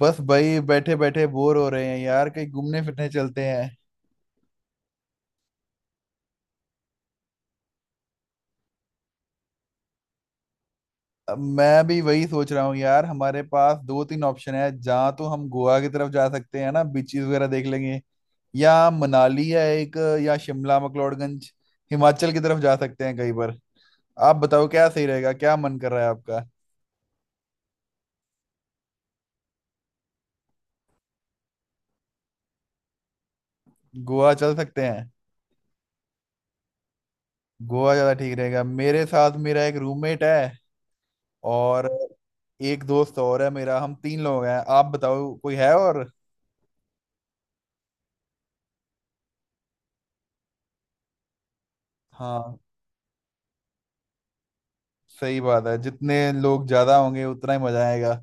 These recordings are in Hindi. बस भाई बैठे बैठे बोर हो रहे हैं यार, कहीं घूमने फिरने चलते हैं। अब मैं भी वही सोच रहा हूँ यार। हमारे पास दो तीन ऑप्शन है जहाँ। तो हम गोवा की तरफ जा सकते हैं ना, बीचेस वगैरह देख लेंगे। या मनाली है एक, या शिमला मकलोडगंज, हिमाचल की तरफ जा सकते हैं कहीं पर। आप बताओ क्या सही रहेगा, क्या मन कर रहा है आपका। गोवा चल सकते हैं। गोवा ज़्यादा ठीक रहेगा। मेरे साथ मेरा एक रूममेट है और एक दोस्त और है मेरा, हम तीन लोग हैं। आप बताओ कोई है और। हाँ, सही बात है, जितने लोग ज्यादा होंगे उतना ही मजा आएगा।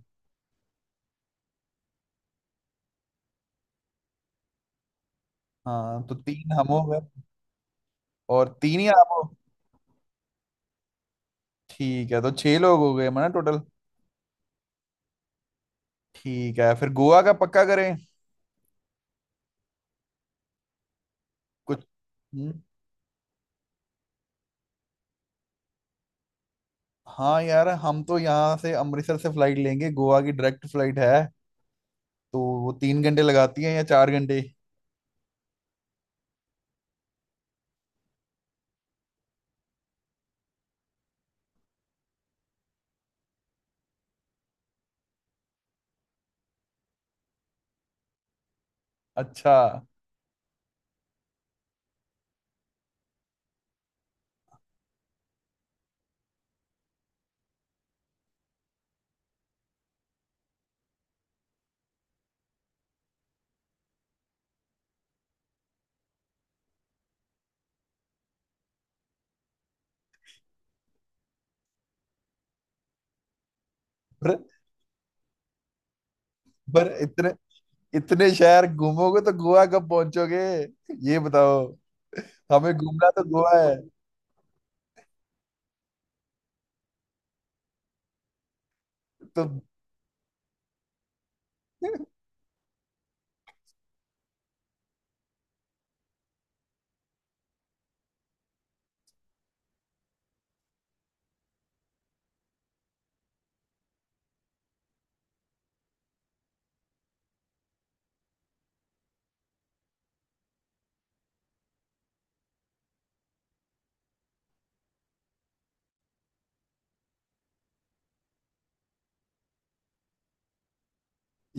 हाँ तो तीन हम हो गए और तीन ही आप हो। ठीक है तो छह लोग हो गए माना टोटल। ठीक है फिर गोवा का पक्का करें। कुछ हम्म, हाँ यार, हम तो यहाँ से अमृतसर से फ्लाइट लेंगे, गोवा की डायरेक्ट फ्लाइट है। तो वो 3 घंटे लगाती है या 4 घंटे। अच्छा। पर पर इतने इतने शहर घूमोगे तो गोवा कब पहुंचोगे, ये बताओ। हमें घूमना तो गोवा है। तो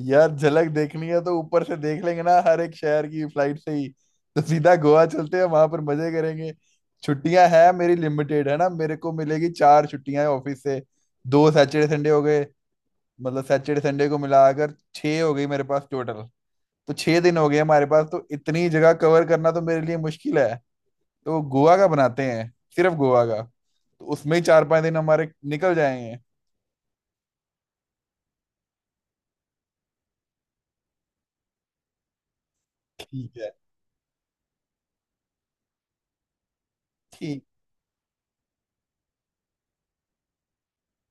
यार, झलक देखनी है तो ऊपर से देख लेंगे ना हर एक शहर की, फ्लाइट से ही। तो सीधा गोवा चलते हैं, वहां पर मजे करेंगे। छुट्टियां हैं मेरी लिमिटेड है ना, मेरे को मिलेगी चार छुट्टियां ऑफिस से। दो सैटरडे संडे हो गए। मतलब सैटरडे संडे को मिलाकर छः हो गई मेरे पास टोटल। तो छः दिन हो गए हमारे पास, तो इतनी जगह कवर करना तो मेरे लिए मुश्किल है। तो गोवा का बनाते हैं, सिर्फ गोवा का, तो उसमें ही चार पांच दिन हमारे निकल जाएंगे। ठीक है। ठीक।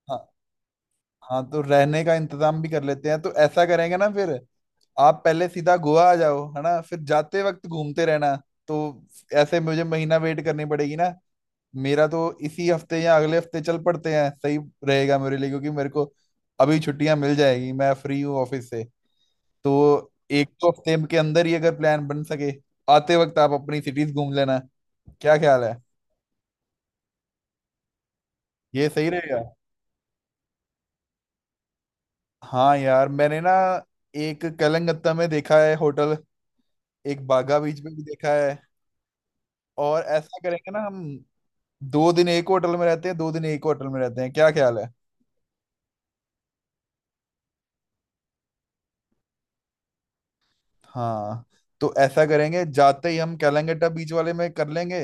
हाँ। हाँ तो रहने का इंतजाम भी कर लेते हैं। तो ऐसा करेंगे ना फिर, आप पहले सीधा गोवा आ जाओ, है ना, फिर जाते वक्त घूमते रहना। तो ऐसे मुझे महीना वेट करनी पड़ेगी ना। मेरा तो इसी हफ्ते या अगले हफ्ते चल पड़ते हैं, सही रहेगा मेरे लिए, क्योंकि मेरे को अभी छुट्टियां मिल जाएगी, मैं फ्री हूँ ऑफिस से। तो एक दो हफ्ते के अंदर ही अगर प्लान बन सके। आते वक्त आप अपनी सिटीज घूम लेना। क्या ख्याल है। ये सही रहेगा। हाँ यार, मैंने ना एक कलंगत्ता में देखा है होटल, एक बागा बीच में भी देखा है। और ऐसा करेंगे ना हम, 2 दिन एक होटल में रहते हैं, 2 दिन एक होटल में रहते हैं। क्या ख्याल है। हाँ तो ऐसा करेंगे, जाते ही हम कैलंगेटा बीच वाले में कर लेंगे।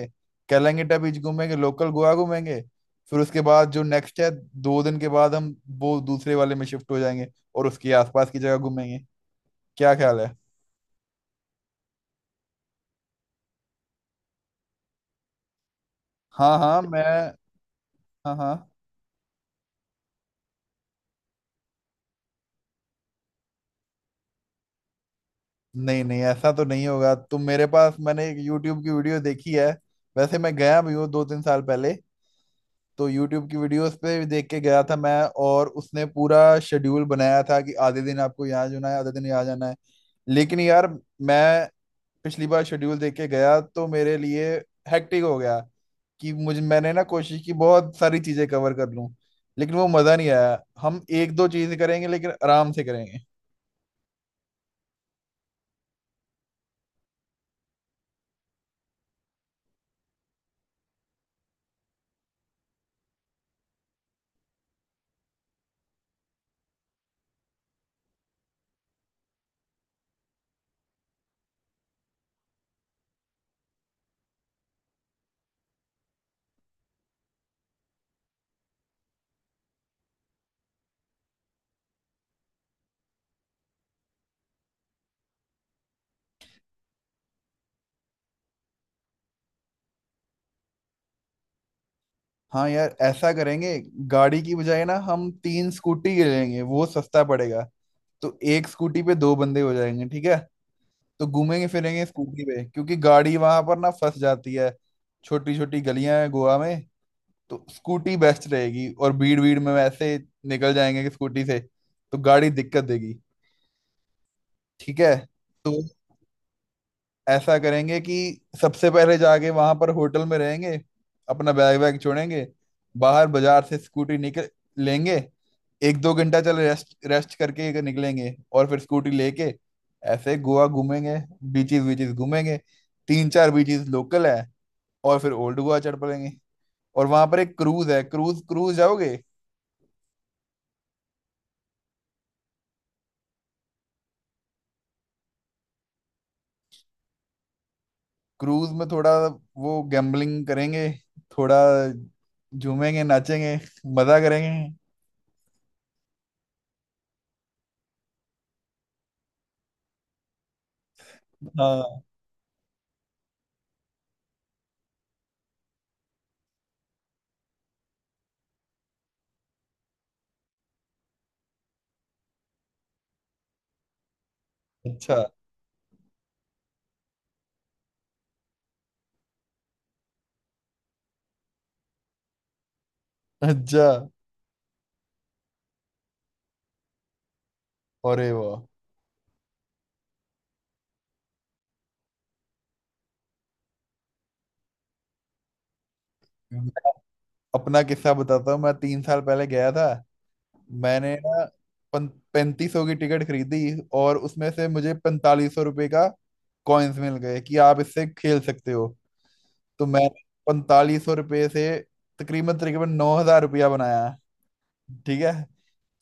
कैलंगेटा बीच घूमेंगे, लोकल गोवा घूमेंगे। फिर उसके बाद जो नेक्स्ट है, 2 दिन के बाद हम वो दूसरे वाले में शिफ्ट हो जाएंगे, और उसके आसपास की जगह घूमेंगे। क्या ख्याल है। हाँ हाँ मैं। हाँ हाँ। नहीं नहीं ऐसा तो नहीं होगा। तो मेरे पास, मैंने एक यूट्यूब की वीडियो देखी है। वैसे मैं गया भी हूँ दो 3 साल पहले। तो यूट्यूब की वीडियोस पे देख के गया था मैं, और उसने पूरा शेड्यूल बनाया था कि आधे दिन आपको यहाँ जाना है, आधे दिन यहाँ जाना है। लेकिन यार मैं पिछली बार शेड्यूल देख के गया तो मेरे लिए हेक्टिक हो गया। कि मुझे, मैंने ना कोशिश की बहुत सारी चीजें कवर कर लूं, लेकिन वो मजा नहीं आया। हम एक दो चीज करेंगे लेकिन आराम से करेंगे। हाँ यार ऐसा करेंगे, गाड़ी की बजाय ना हम तीन स्कूटी ले लेंगे, वो सस्ता पड़ेगा। तो एक स्कूटी पे दो बंदे हो जाएंगे, ठीक है। तो घूमेंगे फिरेंगे स्कूटी पे, क्योंकि गाड़ी वहां पर ना फंस जाती है। छोटी छोटी गलियां हैं गोवा में, तो स्कूटी बेस्ट रहेगी। और भीड़ भीड़ में वैसे निकल जाएंगे कि स्कूटी से, तो गाड़ी दिक्कत देगी। ठीक है। तो ऐसा करेंगे कि सबसे पहले जाके वहां पर होटल में रहेंगे, अपना बैग वैग छोड़ेंगे, बाहर बाजार से स्कूटी निकल लेंगे। एक दो घंटा चल, रेस्ट रेस्ट करके निकलेंगे, और फिर स्कूटी लेके ऐसे गोवा घूमेंगे। बीचेस बीचेस घूमेंगे, तीन चार बीचेस लोकल है। और फिर ओल्ड गोवा चढ़ पड़ेंगे। और वहां पर एक क्रूज है, क्रूज क्रूज जाओगे। क्रूज में थोड़ा वो गैम्बलिंग करेंगे, थोड़ा झूमेंगे नाचेंगे, मजा करेंगे। हाँ। अच्छा। अच्छा। अरे वाह। मैं अपना किस्सा बताता हूँ, मैं 3 साल पहले गया था। मैंने ना 3500 की टिकट खरीदी, और उसमें से मुझे 4500 रुपये का कॉइन्स मिल गए कि आप इससे खेल सकते हो। तो मैं 4500 रुपये से तकरीबन तकरीबन 9000 रुपया बनाया, ठीक है।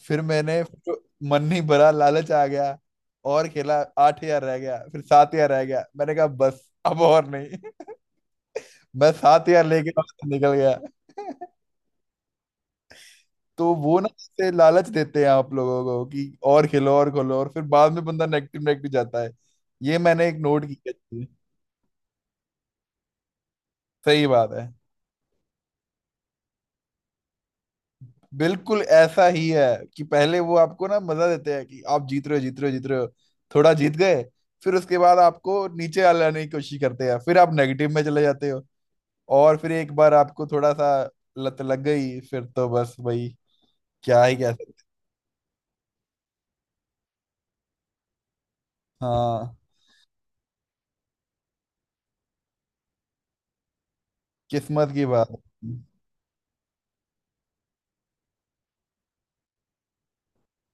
फिर मैंने तो मन नहीं भरा, लालच आ गया, और खेला, 8000 रह गया, फिर 7000 रह गया। मैंने कहा बस अब और नहीं। मैं 7000 लेके वहाँ से निकल गया। तो वो ना जैसे लालच देते हैं आप लोगों को कि और खेलो और खोलो, और फिर बाद में बंदा नेगेटिव नेगेटिव जाता है। ये मैंने एक नोट किया है। सही बात है। बिल्कुल ऐसा ही है कि पहले वो आपको ना मजा देते हैं कि आप जीत रहे हो, जीत रहे हो, जीत रहे हो, थोड़ा जीत गए। फिर उसके बाद आपको नीचे आ लाने की कोशिश करते हैं, फिर आप नेगेटिव में चले जाते हो। और फिर एक बार आपको थोड़ा सा लत लग गई, फिर तो बस भाई, क्या ही कह सकते हैं। हाँ, किस्मत की बात है।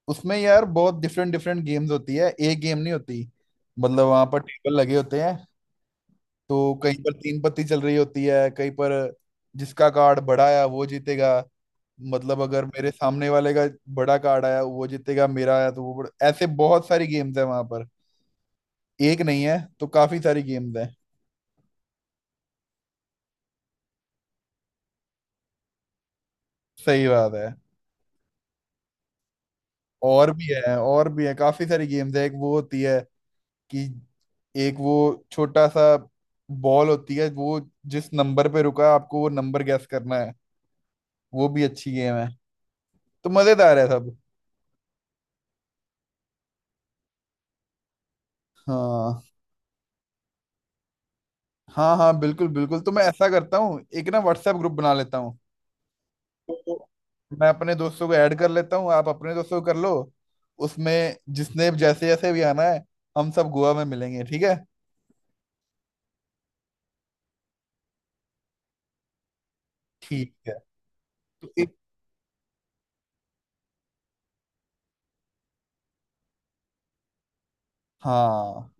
उसमें यार बहुत डिफरेंट डिफरेंट गेम्स होती है, एक गेम नहीं होती। मतलब वहां पर टेबल लगे होते हैं, तो कहीं पर तीन पत्ती चल रही होती है, कहीं पर जिसका कार्ड बड़ा आया वो जीतेगा। मतलब अगर मेरे सामने वाले का बड़ा कार्ड आया वो जीतेगा, मेरा आया तो वो बड़ा। ऐसे बहुत सारी गेम्स है वहां पर, एक नहीं है तो काफी सारी गेम्स है। सही बात है। और भी है, और भी है, काफी सारी गेम्स है। एक वो होती है कि एक वो छोटा सा बॉल होती है वो, जिस नंबर पे रुका है, आपको वो नंबर गैस करना है। वो भी अच्छी गेम है। तो मजेदार है सब। हाँ हाँ हाँ, बिल्कुल बिल्कुल। तो मैं ऐसा करता हूँ, एक ना व्हाट्सएप ग्रुप बना लेता हूँ। तो मैं अपने दोस्तों को ऐड कर लेता हूँ, आप अपने दोस्तों को कर लो। उसमें जिसने जैसे जैसे भी आना है, हम सब गोवा में मिलेंगे, ठीक है। ठीक है तो एक, हाँ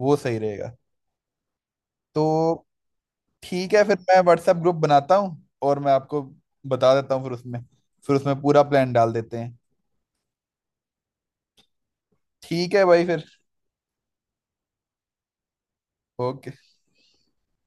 वो सही रहेगा। तो ठीक है फिर मैं व्हाट्सएप ग्रुप बनाता हूँ, और मैं आपको बता देता हूँ। फिर उसमें, फिर उसमें पूरा प्लान डाल देते हैं। ठीक है भाई फिर। ओके।